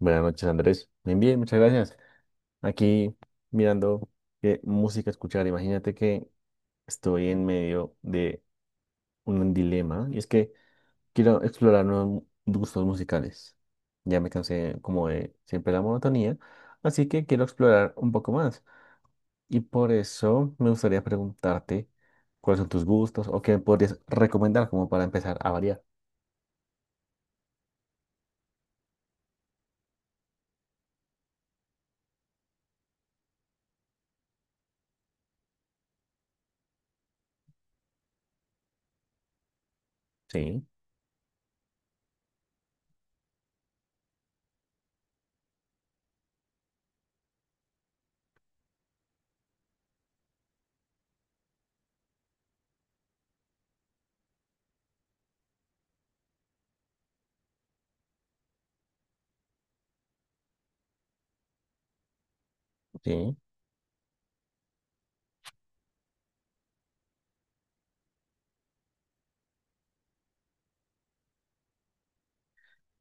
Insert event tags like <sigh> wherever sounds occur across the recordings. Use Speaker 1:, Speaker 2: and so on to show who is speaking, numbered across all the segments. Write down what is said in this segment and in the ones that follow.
Speaker 1: Buenas noches, Andrés. Bien, bien, muchas gracias. Aquí mirando qué música escuchar. Imagínate que estoy en medio de un dilema y es que quiero explorar nuevos gustos musicales. Ya me cansé como de siempre la monotonía, así que quiero explorar un poco más. Y por eso me gustaría preguntarte cuáles son tus gustos o qué me podrías recomendar como para empezar a variar. Sí, sí.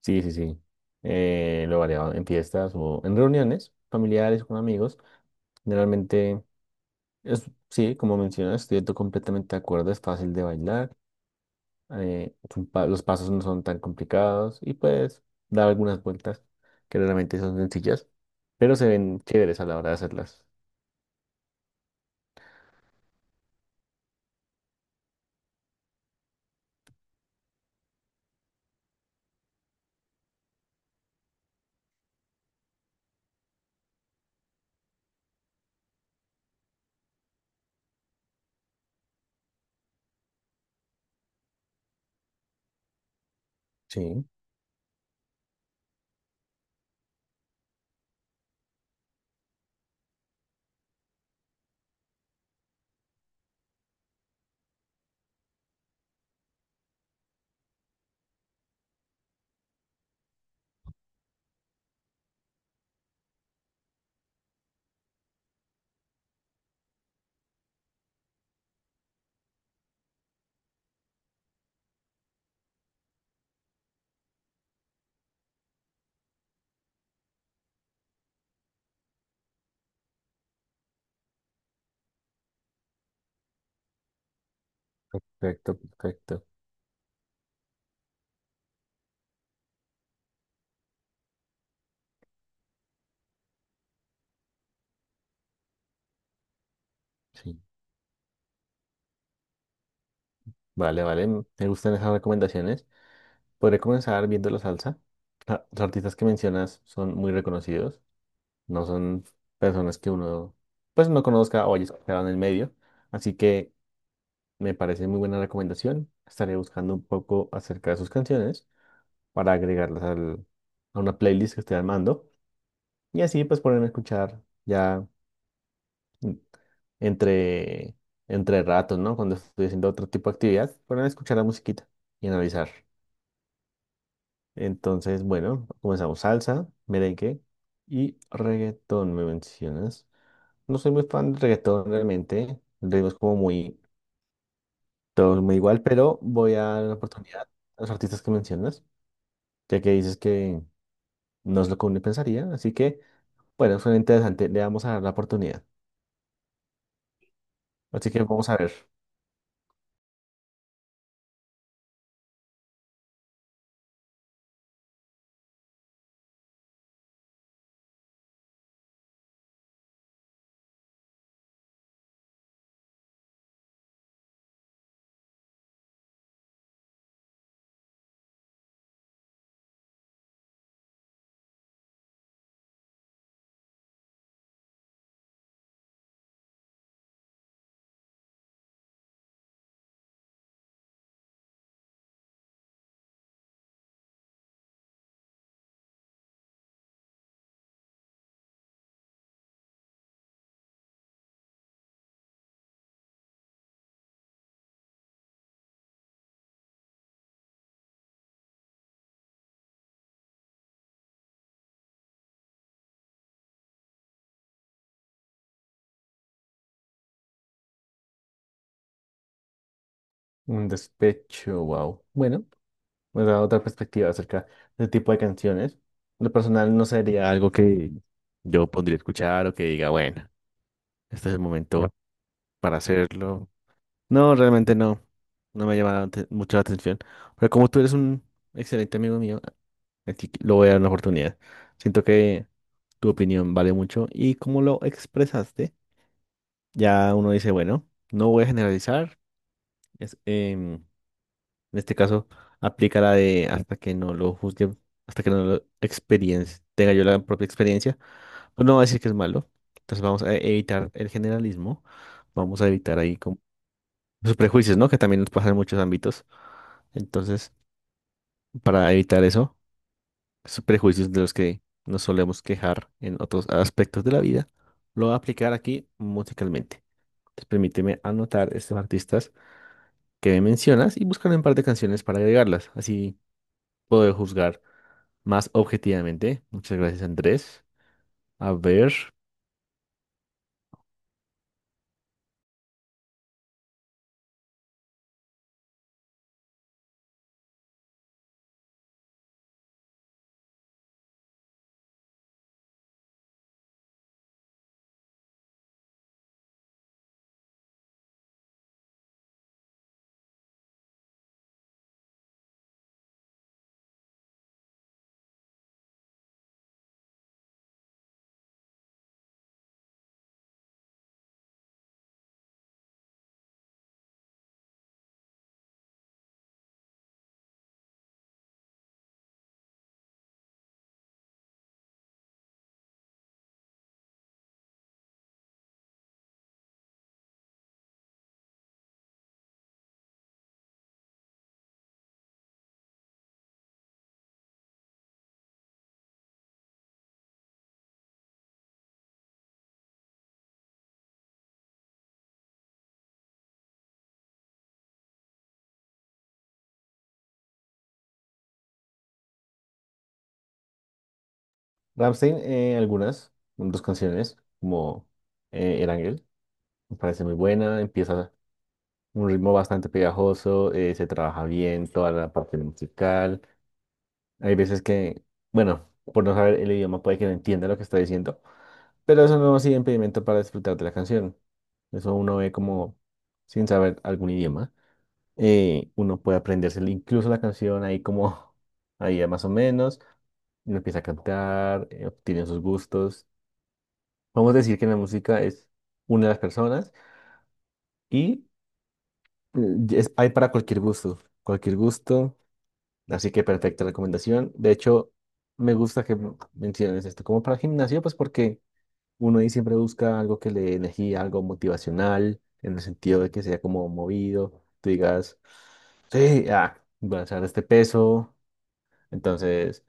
Speaker 1: Sí, sí, sí. Lo he variado en fiestas o en reuniones familiares con amigos. Generalmente, es, sí, como mencionas, completamente de acuerdo, es fácil de bailar, los pasos no son tan complicados y puedes dar algunas vueltas que realmente son sencillas, pero se ven chéveres a la hora de hacerlas. Sí, perfecto, perfecto. Sí, vale, vale, me gustan esas recomendaciones. Podré comenzar viendo la salsa. Ah, los artistas que mencionas son muy reconocidos. No son personas que uno, pues no conozca o haya escuchado en el medio. Así que me parece muy buena recomendación. Estaré buscando un poco acerca de sus canciones para a una playlist que esté armando. Y así pues ponerme a escuchar ya, mm, entre, entre ratos, ¿no? Cuando estoy haciendo otro tipo de actividad, ponerme a escuchar la musiquita y analizar. Entonces, bueno, comenzamos salsa, merengue y reggaetón, me mencionas. No soy muy fan del reggaetón realmente. El ritmo es como muy, todo es muy igual, pero voy a dar una oportunidad a los artistas que mencionas, ya que dices que no es lo que uno pensaría. Así que, bueno, suena interesante. Le vamos a dar la oportunidad. Así que vamos a ver. Un despecho, wow. Bueno, me da otra perspectiva acerca de este tipo de canciones. Lo personal no sería algo que yo pondría a escuchar o que diga, bueno, este es el momento para hacerlo. No, realmente no. No me llama mucho la atención. Pero como tú eres un excelente amigo mío, así lo voy a dar una oportunidad. Siento que tu opinión vale mucho y como lo expresaste, ya uno dice, bueno, no voy a generalizar. Es, en este caso, aplica la de hasta que no lo juzgue, hasta que no lo experiencie, tenga yo la propia experiencia, pues no va a decir que es malo. Entonces vamos a evitar el generalismo, vamos a evitar ahí sus prejuicios, ¿no? Que también nos pasa en muchos ámbitos. Entonces, para evitar eso, esos prejuicios de los que nos solemos quejar en otros aspectos de la vida, lo voy a aplicar aquí musicalmente. Entonces, permíteme anotar estos artistas que me mencionas y buscar un par de canciones para agregarlas. Así puedo juzgar más objetivamente. Muchas gracias, Andrés. A ver, Rammstein, algunas, dos canciones, como El Ángel, me parece muy buena. Empieza un ritmo bastante pegajoso, se trabaja bien toda la parte musical. Hay veces que, bueno, por no saber el idioma puede que no entienda lo que está diciendo, pero eso no ha sido impedimento para disfrutar de la canción. Eso uno ve como sin saber algún idioma. Uno puede aprenderse incluso la canción ahí como, <laughs> ahí ya más o menos, y uno empieza a cantar, obtiene sus gustos. Vamos a decir que la música es una de las personas y, eh, es, hay para cualquier gusto, cualquier gusto. Así que perfecta recomendación. De hecho, me gusta que menciones esto como para el gimnasio, pues porque uno ahí siempre busca algo que le dé energía, algo motivacional, en el sentido de que sea como movido. Tú digas, sí, ah, voy a hacer este peso. Entonces,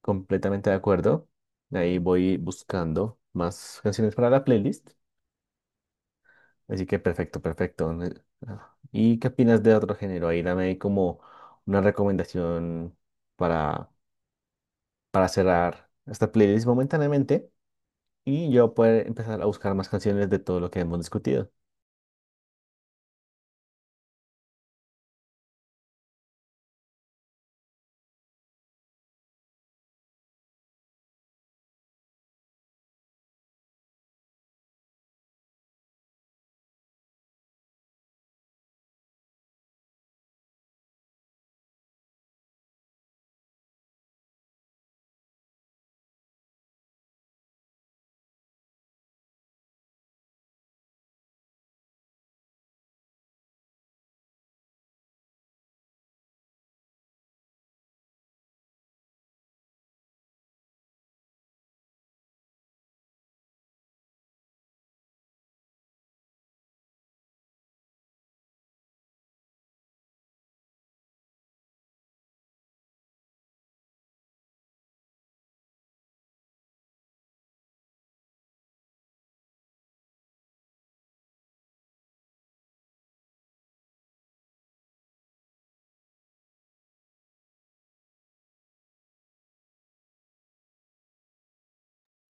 Speaker 1: completamente de acuerdo. Ahí voy buscando más canciones para la playlist. Así que perfecto, perfecto. ¿Y qué opinas de otro género? Ahí dame como una recomendación para cerrar esta playlist momentáneamente y yo poder empezar a buscar más canciones de todo lo que hemos discutido.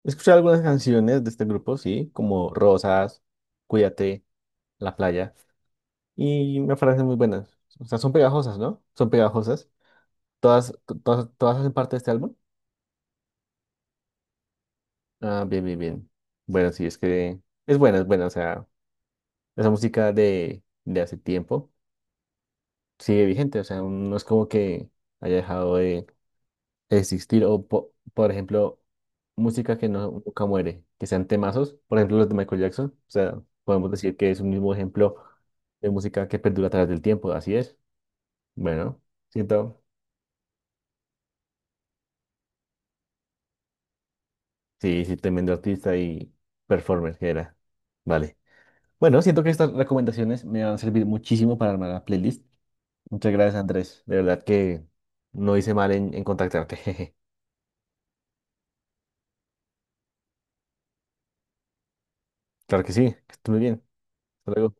Speaker 1: He escuchado algunas canciones de este grupo, sí, como Rosas, Cuídate, La Playa, y me parecen muy buenas. O sea, son pegajosas, ¿no? Son pegajosas. Todas, todas, todas hacen parte de este álbum. Ah, bien, bien, bien. Bueno, sí, es que es buena, es buena. O sea, esa música de hace tiempo sigue vigente. O sea, no es como que haya dejado existir o, por ejemplo, música que no, nunca muere, que sean temazos, por ejemplo, los de Michael Jackson. O sea, podemos decir que es un mismo ejemplo de música que perdura a través del tiempo, así es. Bueno, siento, sí, sí, tremendo artista y performer que era. Vale. Bueno, siento que estas recomendaciones me van a servir muchísimo para armar la playlist. Muchas gracias, Andrés. De verdad que no hice mal en contactarte. <laughs> Claro que sí, que estés muy bien. Hasta luego.